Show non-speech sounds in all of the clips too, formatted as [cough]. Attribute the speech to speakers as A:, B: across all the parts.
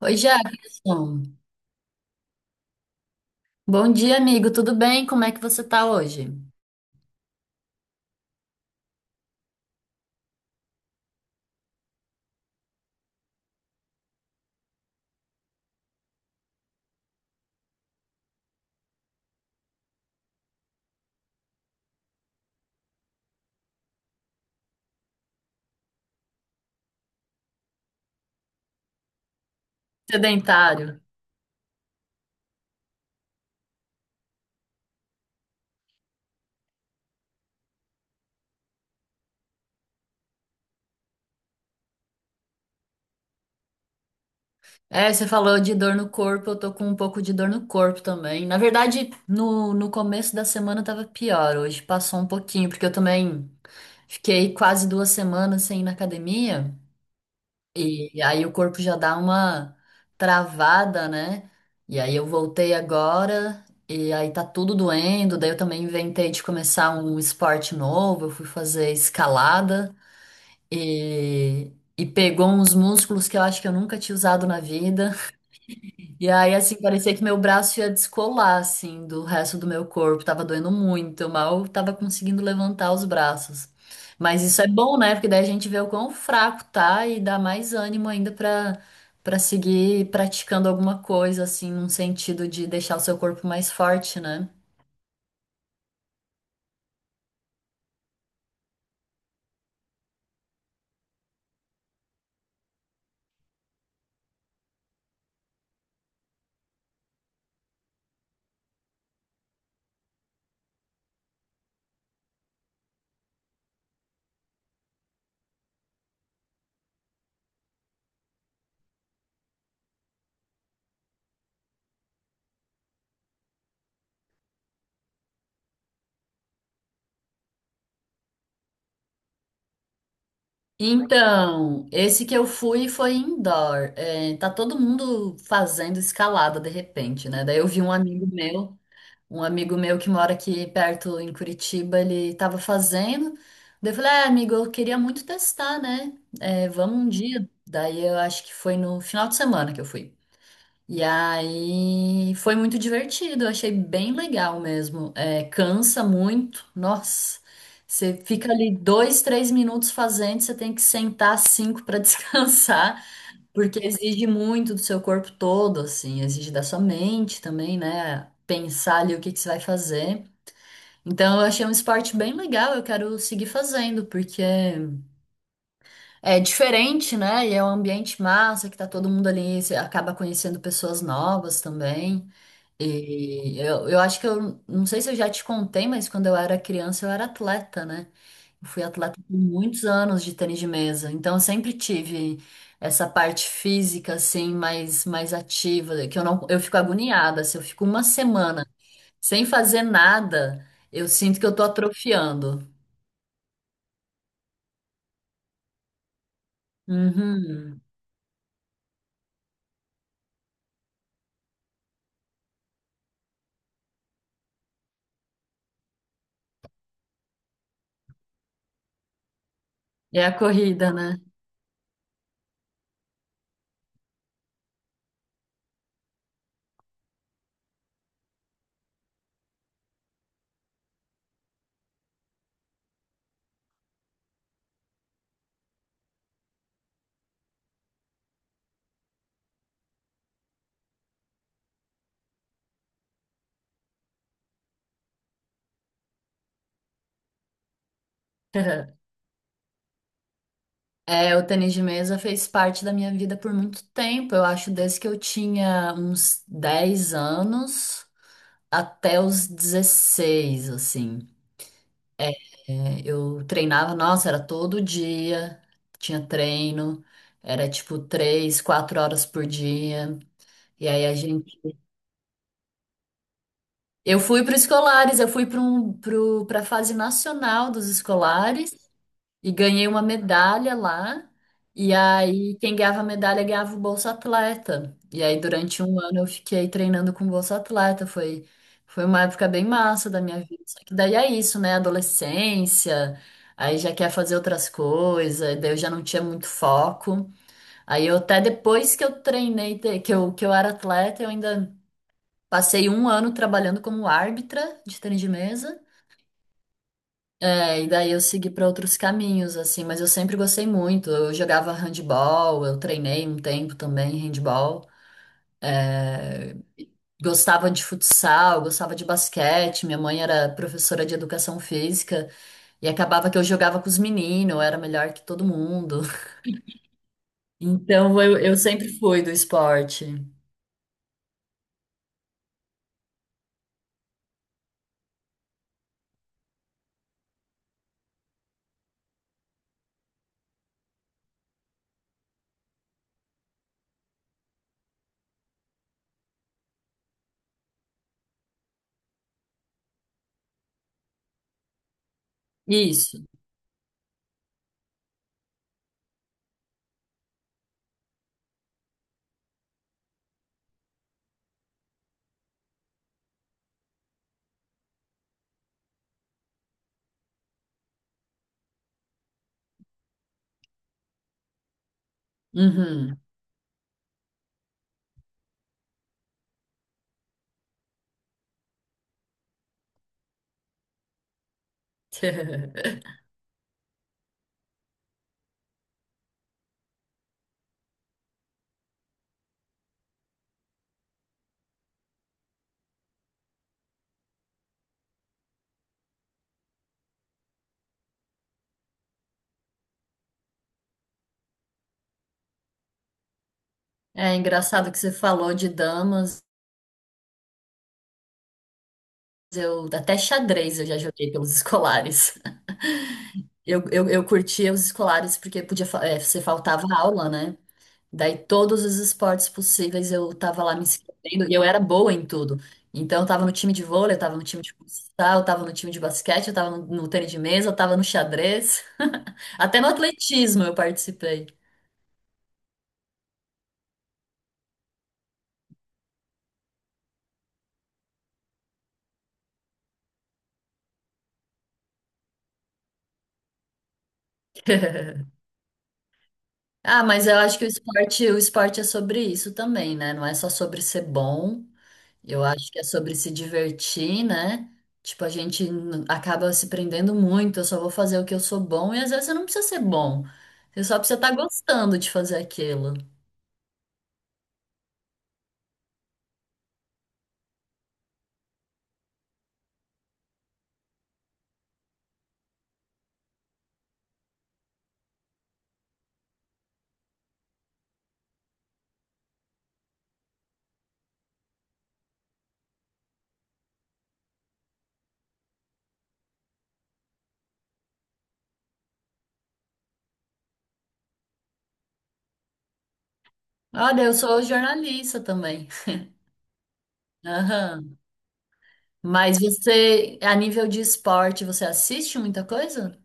A: Oi, Jefferson. Bom dia, amigo. Tudo bem? Como é que você tá hoje? Sedentário. É, você falou de dor no corpo, eu tô com um pouco de dor no corpo também. Na verdade, no começo da semana tava pior, hoje passou um pouquinho, porque eu também fiquei quase 2 semanas sem ir na academia, e aí o corpo já dá uma travada, né? E aí eu voltei agora, e aí tá tudo doendo, daí eu também inventei de começar um esporte novo, eu fui fazer escalada. e, e pegou uns músculos que eu acho que eu nunca tinha usado na vida. E aí, assim, parecia que meu braço ia descolar, assim, do resto do meu corpo. Tava doendo muito, eu mal tava conseguindo levantar os braços. Mas isso é bom, né? Porque daí a gente vê o quão fraco tá e dá mais ânimo ainda pra seguir praticando alguma coisa, assim, num sentido de deixar o seu corpo mais forte, né? Então, esse que eu fui foi indoor. É, tá todo mundo fazendo escalada de repente, né? Daí eu vi um amigo meu que mora aqui perto em Curitiba, ele tava fazendo. Daí eu falei, ah, amigo, eu queria muito testar, né? É, vamos um dia. Daí eu acho que foi no final de semana que eu fui. E aí foi muito divertido, eu achei bem legal mesmo. É, cansa muito, nossa. Você fica ali 2, 3 minutos fazendo, você tem que sentar cinco para [laughs] descansar, porque exige muito do seu corpo todo, assim, exige da sua mente também, né? Pensar ali o que que você vai fazer. Então eu achei um esporte bem legal, eu quero seguir fazendo, porque é diferente, né? E é um ambiente massa, que tá todo mundo ali, você acaba conhecendo pessoas novas também. E eu acho que eu não sei se eu já te contei, mas quando eu era criança eu era atleta, né? Eu fui atleta por muitos anos de tênis de mesa, então eu sempre tive essa parte física assim mais ativa, que eu fico agoniada, se eu fico uma semana sem fazer nada, eu sinto que eu tô atrofiando. Uhum. É a corrida, né? [laughs] É, o tênis de mesa fez parte da minha vida por muito tempo. Eu acho desde que eu tinha uns 10 anos, até os 16, assim. É, eu treinava, nossa, era todo dia, tinha treino, era tipo 3, 4 horas por dia. E aí a gente. Eu fui para escolares, eu fui para um, para a fase nacional dos escolares. E ganhei uma medalha lá. E aí, quem ganhava a medalha ganhava o Bolsa Atleta. E aí, durante um ano, eu fiquei treinando com o Bolsa Atleta. Foi uma época bem massa da minha vida. Só que daí é isso, né? Adolescência, aí já quer fazer outras coisas, daí eu já não tinha muito foco. Aí, eu até depois que eu treinei, que eu era atleta, eu ainda passei um ano trabalhando como árbitra de tênis de mesa. É, e daí eu segui para outros caminhos, assim, mas eu sempre gostei muito. Eu jogava handball, eu treinei um tempo também handball. Gostava de futsal, gostava de basquete. Minha mãe era professora de educação física e acabava que eu jogava com os meninos, eu era melhor que todo mundo. [laughs] Então eu sempre fui do esporte. Isso. Uhum. [laughs] É engraçado que você falou de damas, eu até xadrez eu já joguei pelos escolares. Eu curtia os escolares porque podia, você faltava aula, né? Daí todos os esportes possíveis eu tava lá me inscrevendo e eu era boa em tudo. Então eu tava no time de vôlei, eu tava no time de futsal, eu tava no time de basquete, eu tava no tênis de mesa, eu tava no xadrez. [laughs] Até no atletismo eu participei. [laughs] Ah, mas eu acho que o esporte é sobre isso também, né? Não é só sobre ser bom. Eu acho que é sobre se divertir, né? Tipo, acaba se prendendo muito, eu só vou fazer o que eu sou bom, e às vezes você não precisa ser bom. Você só precisa estar gostando de fazer aquilo. Olha, eu sou jornalista também. [laughs] Aham. Mas você, a nível de esporte, você assiste muita coisa?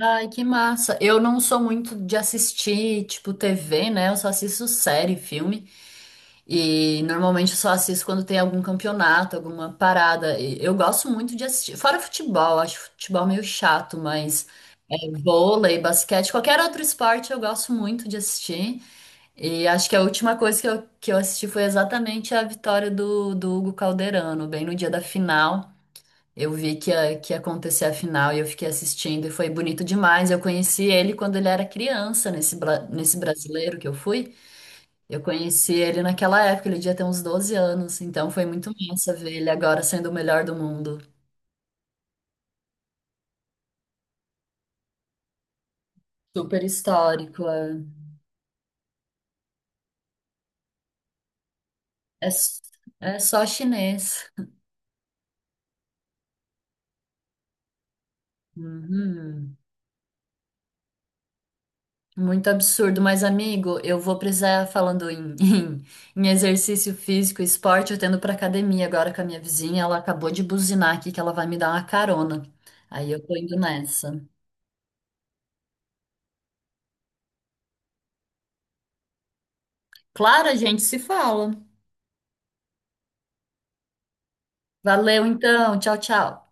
A: Ai, que massa. Eu não sou muito de assistir, tipo, TV, né? Eu só assisto série, filme. E normalmente eu só assisto quando tem algum campeonato, alguma parada. E eu gosto muito de assistir. Fora futebol, acho futebol meio chato, mas é, vôlei, basquete, qualquer outro esporte eu gosto muito de assistir. E acho que a última coisa que eu assisti foi exatamente a vitória do Hugo Calderano, bem no dia da final. Eu vi que ia acontecer a final e eu fiquei assistindo e foi bonito demais. Eu conheci ele quando ele era criança, nesse brasileiro que eu fui. Eu conheci ele naquela época, ele devia ter uns 12 anos, então foi muito massa ver ele agora sendo o melhor do mundo. Super histórico. É, é, s- é só chinês. Uhum. Muito absurdo, mas amigo, eu vou precisar, falando em, [laughs] em exercício físico, esporte, eu tendo pra academia agora com a minha vizinha, ela acabou de buzinar aqui que ela vai me dar uma carona. Aí eu tô indo nessa. Claro, a gente se fala. Valeu então, tchau, tchau.